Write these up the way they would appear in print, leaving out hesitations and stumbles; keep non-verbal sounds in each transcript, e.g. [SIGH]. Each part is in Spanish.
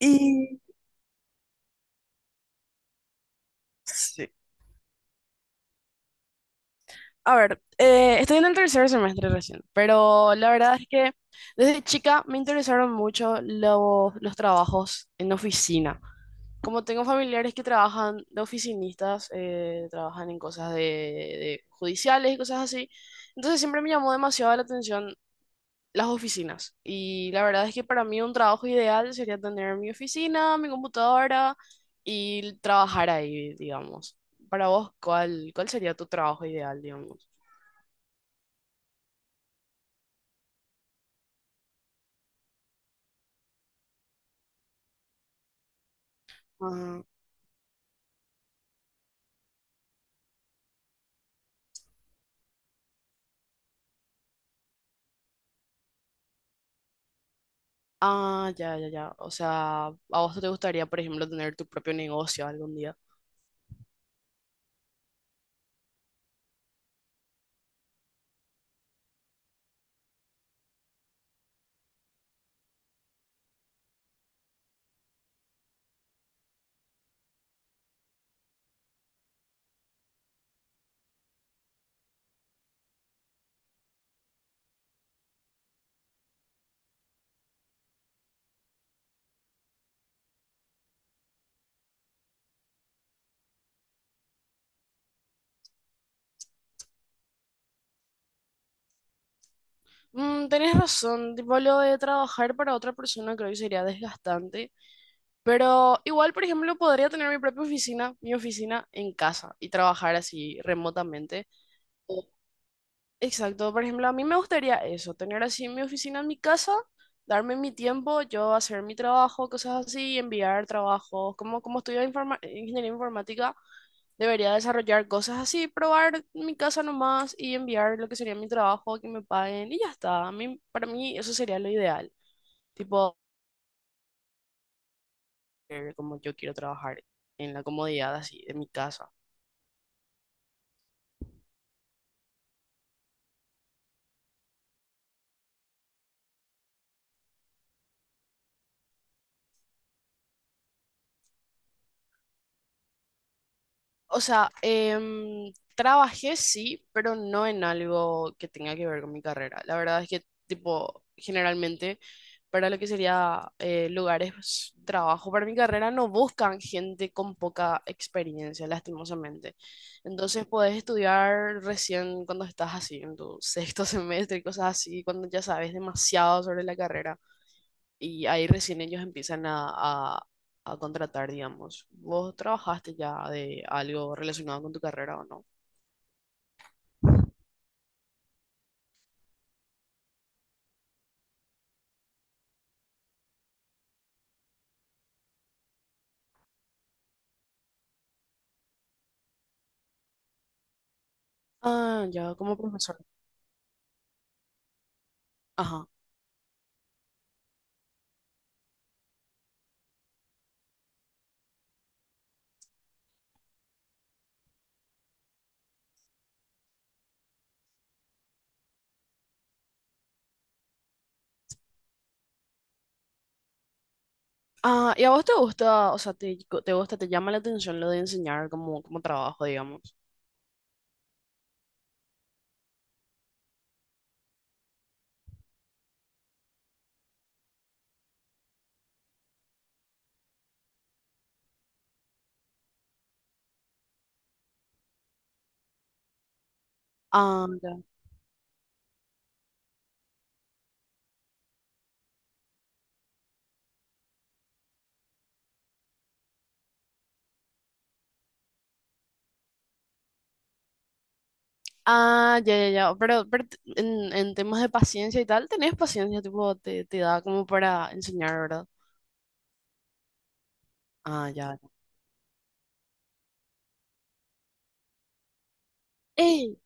Y sí, a ver, estoy en el tercer semestre recién, pero la verdad es que desde chica me interesaron mucho los trabajos en oficina. Como tengo familiares que trabajan de oficinistas, trabajan en cosas de judiciales y cosas así, entonces siempre me llamó demasiado la atención las oficinas. Y la verdad es que para mí un trabajo ideal sería tener mi oficina, mi computadora y trabajar ahí, digamos. Para vos, ¿cuál sería tu trabajo ideal, digamos? Ah, ah, ya, ya, ya. O sea, ¿a vos te gustaría, por ejemplo, tener tu propio negocio algún día? Mm, tenés razón, tipo lo de trabajar para otra persona creo que sería desgastante, pero igual, por ejemplo, podría tener mi propia oficina, mi oficina en casa y trabajar así remotamente. Exacto, por ejemplo, a mí me gustaría eso, tener así mi oficina en mi casa, darme mi tiempo, yo hacer mi trabajo, cosas así, enviar trabajos, como estudio ingeniería informática, debería desarrollar cosas así, probar en mi casa nomás y enviar lo que sería mi trabajo, que me paguen y ya está. Para mí eso sería lo ideal, tipo, como yo quiero trabajar en la comodidad así de mi casa. O sea, em, trabajé sí, pero no en algo que tenga que ver con mi carrera. La verdad es que, tipo, generalmente para lo que sería lugares de trabajo para mi carrera no buscan gente con poca experiencia, lastimosamente. Entonces podés estudiar recién cuando estás así, en tu sexto [LAUGHS] semestre y cosas así, cuando ya sabes demasiado sobre la carrera y ahí recién ellos empiezan a- a contratar, digamos. ¿Vos trabajaste ya de algo relacionado con tu carrera o no? Ah, ya, como profesor. Ajá. Ah, ¿y a vos te gusta, o sea, te gusta, te llama la atención lo de enseñar como trabajo, digamos? Ah, ya. Ah, ya, ya, ya. Pero, en temas de paciencia y tal, tenés paciencia, tipo, te da como para enseñar, ¿verdad? Ah, ya. ya. ¡Ey!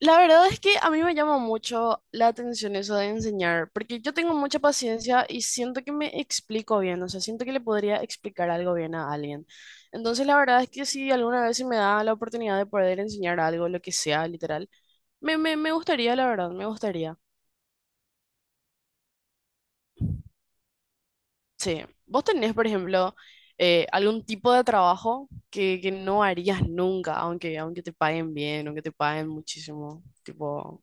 La verdad es que a mí me llama mucho la atención eso de enseñar, porque yo tengo mucha paciencia y siento que me explico bien, o sea, siento que le podría explicar algo bien a alguien. Entonces, la verdad es que si alguna vez se me da la oportunidad de poder enseñar algo, lo que sea, literal, me gustaría, la verdad, me gustaría. Sí, vos tenés, por ejemplo, algún tipo de trabajo que no harías nunca, aunque te paguen bien, aunque te paguen muchísimo, tipo,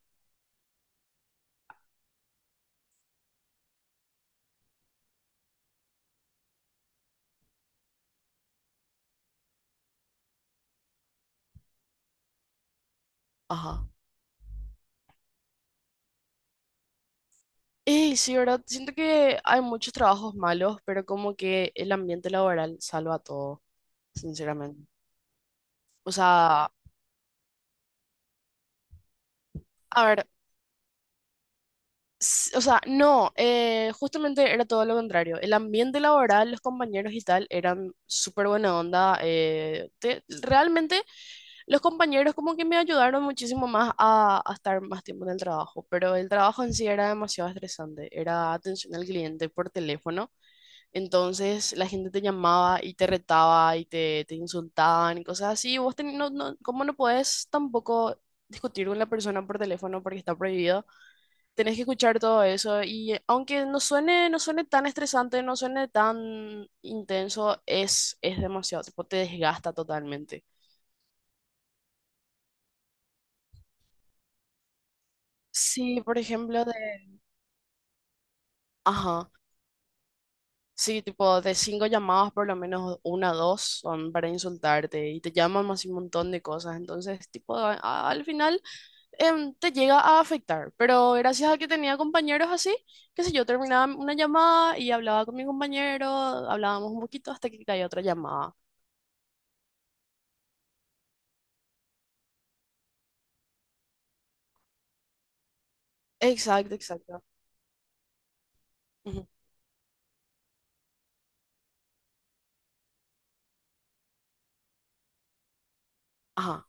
ajá. Ey, sí, ¿verdad? Siento que hay muchos trabajos malos, pero como que el ambiente laboral salva todo, sinceramente. O sea, a ver, o sea, no, justamente era todo lo contrario. El ambiente laboral, los compañeros y tal, eran súper buena onda. Realmente los compañeros como que me ayudaron muchísimo más a estar más tiempo en el trabajo, pero el trabajo en sí era demasiado estresante. Era atención al cliente por teléfono. Entonces la gente te llamaba y te retaba y te insultaban y cosas así. No, no, como no podés tampoco discutir con la persona por teléfono porque está prohibido, tenés que escuchar todo eso y aunque no suene, no suene tan estresante, no suene tan intenso, es demasiado, tipo, te desgasta totalmente. Sí, por ejemplo, de... Ajá. Sí, tipo, de cinco llamadas, por lo menos una o dos son para insultarte y te llaman más y un montón de cosas. Entonces, tipo, al final te llega a afectar, pero gracias a que tenía compañeros así, qué sé yo, terminaba una llamada y hablaba con mi compañero, hablábamos un poquito hasta que caía otra llamada. Exacto, exacto. Ujú. Ajá.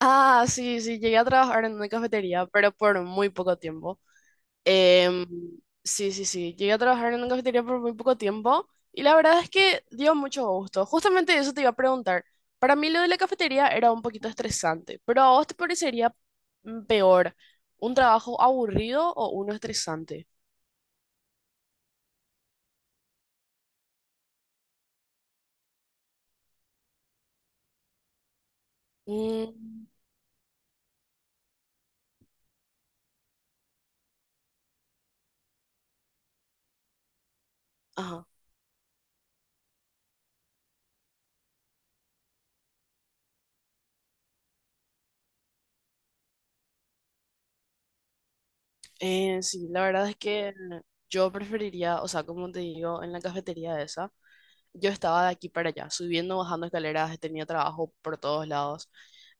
Ah, sí, sí, llegué a trabajar en una cafetería, pero por muy poco tiempo. Em, sí, sí, sí. Llegué a trabajar en una cafetería por muy poco tiempo y la verdad es que dio mucho gusto. Justamente eso te iba a preguntar. Para mí lo de la cafetería era un poquito estresante, pero ¿a vos te parecería peor un trabajo aburrido o uno estresante? Mm, ajá. Sí, la verdad es que yo preferiría, o sea, como te digo, en la cafetería esa. Yo estaba de aquí para allá, subiendo, bajando escaleras, tenía trabajo por todos lados.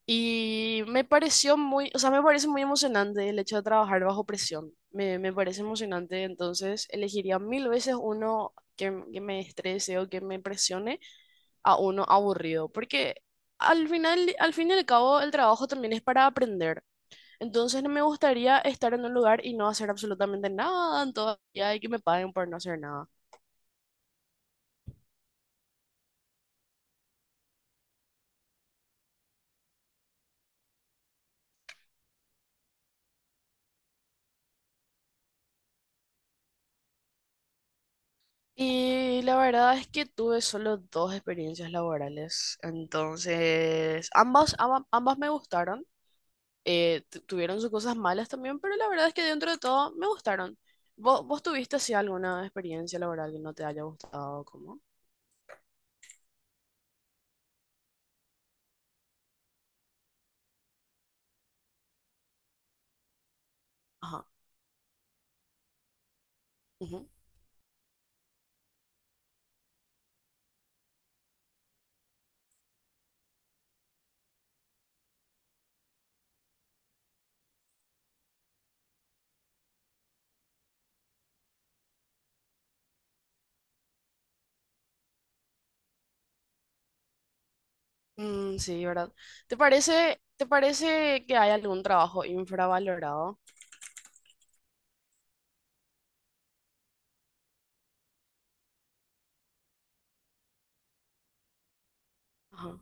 Y me pareció muy, o sea, me parece muy emocionante el hecho de trabajar bajo presión. Me parece emocionante, entonces elegiría mil veces uno que me estrese o que me presione a uno aburrido, porque al final, al fin y al cabo, el trabajo también es para aprender. Entonces no me gustaría estar en un lugar y no hacer absolutamente nada en todo el día y que me paguen por no hacer nada. Y la verdad es que tuve solo dos experiencias laborales, entonces ambas, ambas, me gustaron, tuvieron sus cosas malas también, pero la verdad es que dentro de todo me gustaron. ¿Vos tuviste así alguna experiencia laboral que no te haya gustado? ¿Cómo? Ajá. Ujú. Mm, sí, ¿verdad? ¿Te parece que hay algún trabajo infravalorado? Ajá.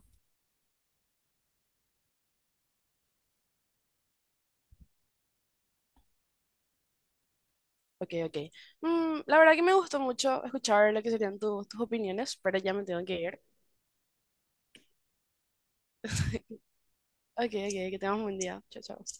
Ok, ok. Mm, la verdad que me gustó mucho escuchar lo que serían tus opiniones, pero ya me tengo que ir. [LAUGHS] Ok, ok, que tengas un buen día. Chao, chao.